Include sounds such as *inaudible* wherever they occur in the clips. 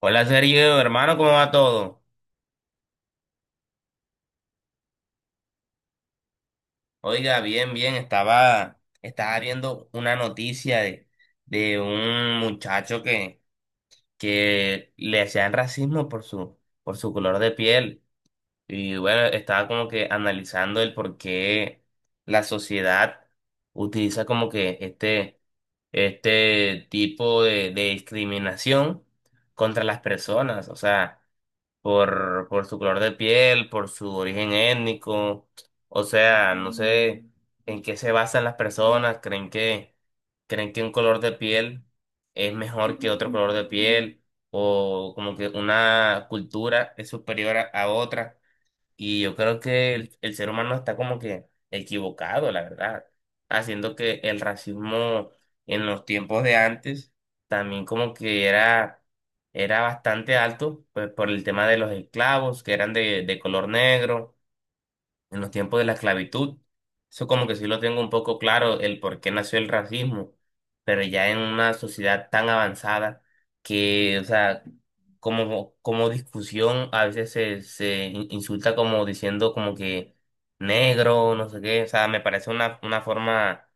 Hola Sergio, hermano, ¿cómo va todo? Oiga, bien, bien, estaba viendo una noticia de un muchacho que le hacían racismo por su color de piel. Y bueno, estaba como que analizando el por qué la sociedad utiliza como que este tipo de discriminación contra las personas. O sea, por su color de piel, por su origen étnico. O sea, no sé en qué se basan las personas, creen que un color de piel es mejor que otro *laughs* color de piel, o como que una cultura es superior a otra. Y yo creo que el ser humano está como que equivocado, la verdad, haciendo que el racismo en los tiempos de antes también como que era, era bastante alto, pues por el tema de los esclavos que eran de color negro en los tiempos de la esclavitud. Eso como que sí lo tengo un poco claro, el por qué nació el racismo, pero ya en una sociedad tan avanzada que, o sea, como, como discusión a veces se, insulta como diciendo como que negro, no sé qué, o sea, me parece una forma,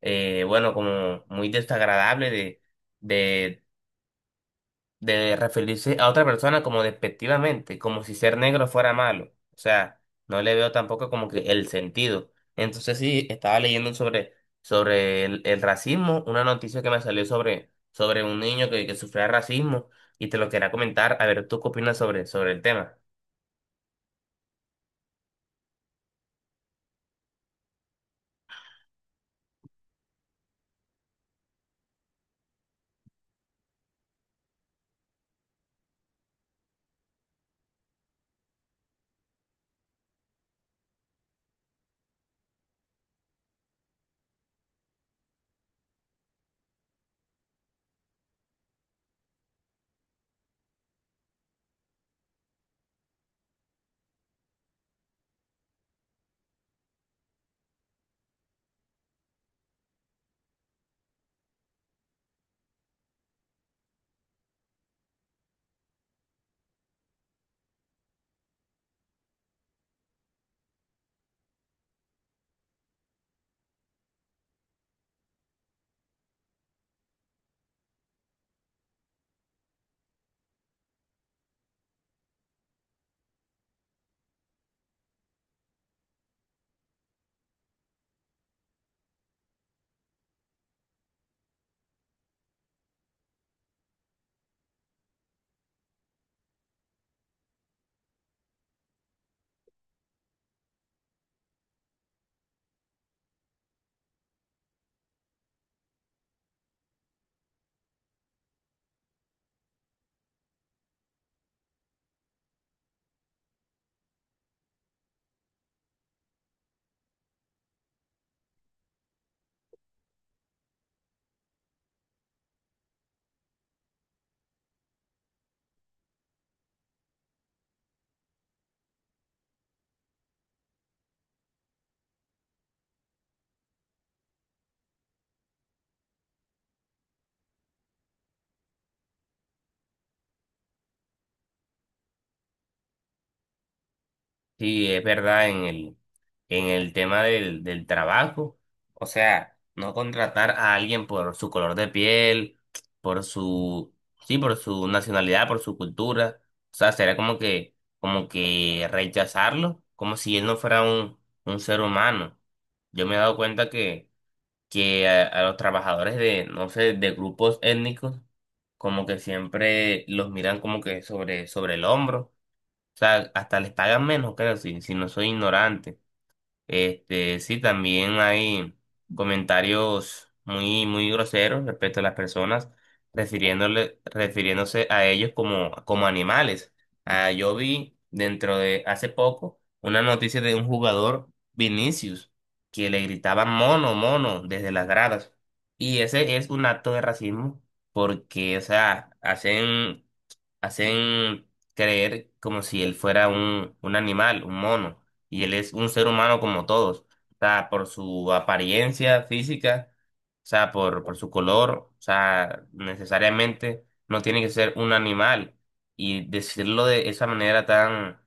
bueno, como muy desagradable de, de referirse a otra persona como despectivamente, como si ser negro fuera malo. O sea, no le veo tampoco como que el sentido. Entonces sí, estaba leyendo sobre, sobre el racismo, una noticia que me salió sobre, sobre un niño que sufría racismo y te lo quería comentar, a ver, ¿tú qué opinas sobre, sobre el tema? Sí, es verdad, en el tema del, del trabajo, o sea, no contratar a alguien por su color de piel, por su, sí, por su nacionalidad, por su cultura, o sea, sería como que rechazarlo, como si él no fuera un ser humano. Yo me he dado cuenta que a los trabajadores de, no sé, de grupos étnicos, como que siempre los miran como que sobre, sobre el hombro. O sea, hasta les pagan menos, creo, si, si no soy ignorante. Este, sí, también hay comentarios muy, muy groseros respecto a las personas, refiriéndole, refiriéndose a ellos como, como animales. Ah, yo vi dentro de hace poco una noticia de un jugador, Vinicius, que le gritaban mono, mono desde las gradas. Y ese es un acto de racismo porque, o sea, hacen creer como si él fuera un animal, un mono, y él es un ser humano como todos. O sea, por su apariencia física, o sea, por su color, o sea, necesariamente no tiene que ser un animal. Y decirlo de esa manera tan,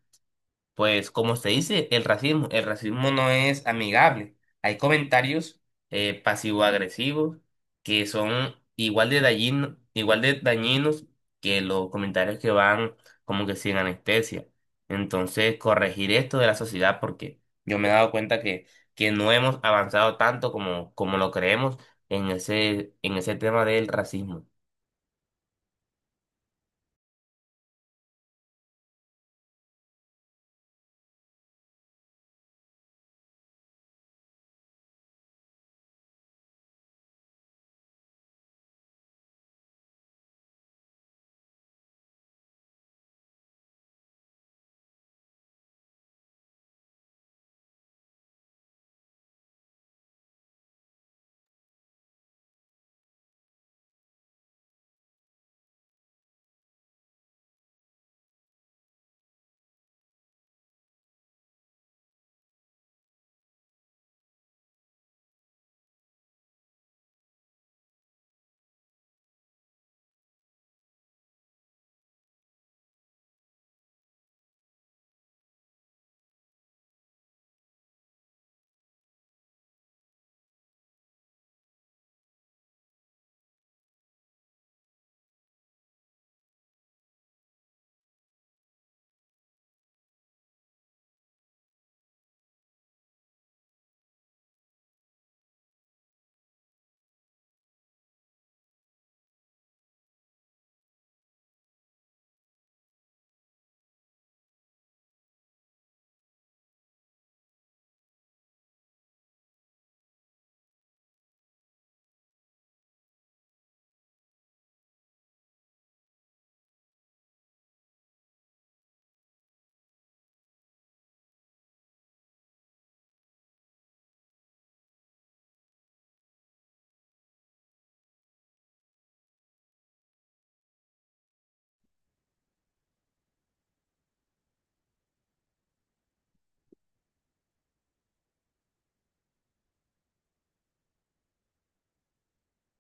pues, como se dice, el racismo no es amigable. Hay comentarios pasivo-agresivos que son igual de dañinos que los comentarios que van como que sin anestesia. Entonces, corregir esto de la sociedad porque yo me he dado cuenta que no hemos avanzado tanto como, como lo creemos en ese tema del racismo.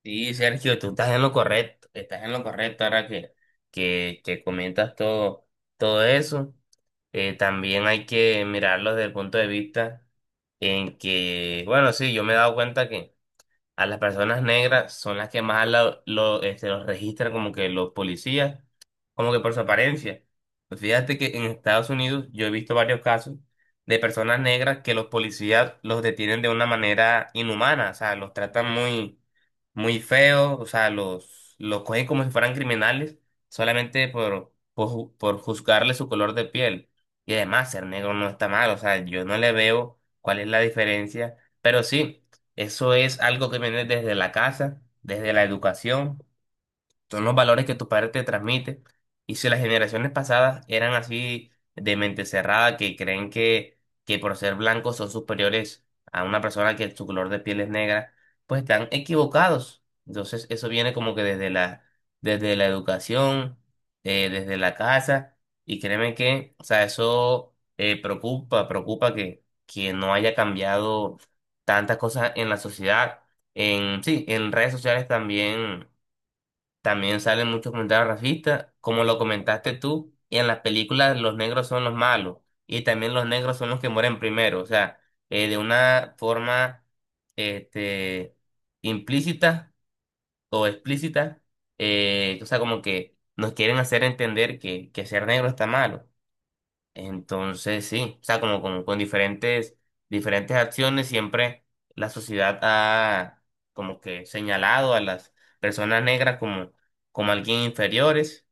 Sí, Sergio, tú estás en lo correcto, estás en lo correcto ahora que comentas todo, todo eso. También hay que mirarlo desde el punto de vista en que, bueno, sí, yo me he dado cuenta que a las personas negras son las que más lo, este, los registran como que los policías, como que por su apariencia. Pues fíjate que en Estados Unidos yo he visto varios casos de personas negras que los policías los detienen de una manera inhumana, o sea, los tratan muy, muy feo, o sea, los cogen como si fueran criminales solamente por, por juzgarle su color de piel. Y además, ser negro no está mal, o sea, yo no le veo cuál es la diferencia, pero sí. Eso es algo que viene desde la casa, desde la educación, son los valores que tus padres te transmiten. Y si las generaciones pasadas eran así de mente cerrada, que creen que por ser blancos son superiores a una persona que su color de piel es negra, pues están equivocados. Entonces eso viene como que desde la educación, desde la casa, y créeme que, o sea, eso, preocupa, preocupa que no haya cambiado tantas cosas en la sociedad. En, sí, en redes sociales también también salen muchos comentarios racistas, como lo comentaste tú, y en las películas los negros son los malos, y también los negros son los que mueren primero, o sea, de una forma este, implícita o explícita, o sea, como que nos quieren hacer entender que ser negro está malo. Entonces, sí, o sea, como, como con diferentes, diferentes acciones, siempre la sociedad ha como que señalado a las personas negras como, como alguien inferiores.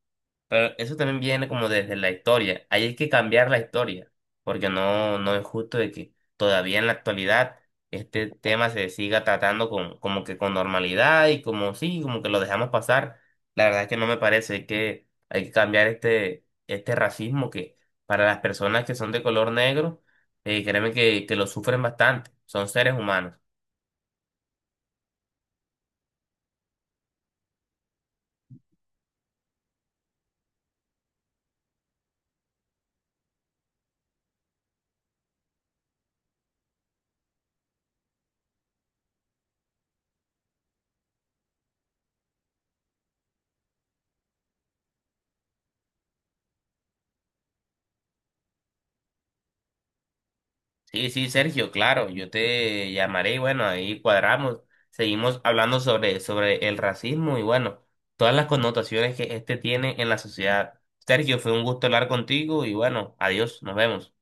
Pero eso también viene como desde la historia. Ahí hay que cambiar la historia, porque no, no es justo de que todavía en la actualidad este tema se siga tratando con, como que con normalidad y como sí, como que lo dejamos pasar. La verdad es que no me parece, hay que, hay que cambiar este, este racismo que para las personas que son de color negro, créeme que lo sufren bastante, son seres humanos. Sí, sí, Sergio, claro, yo te llamaré y bueno, ahí cuadramos, seguimos hablando sobre, sobre el racismo y bueno, todas las connotaciones que este tiene en la sociedad. Sergio, fue un gusto hablar contigo y bueno, adiós, nos vemos.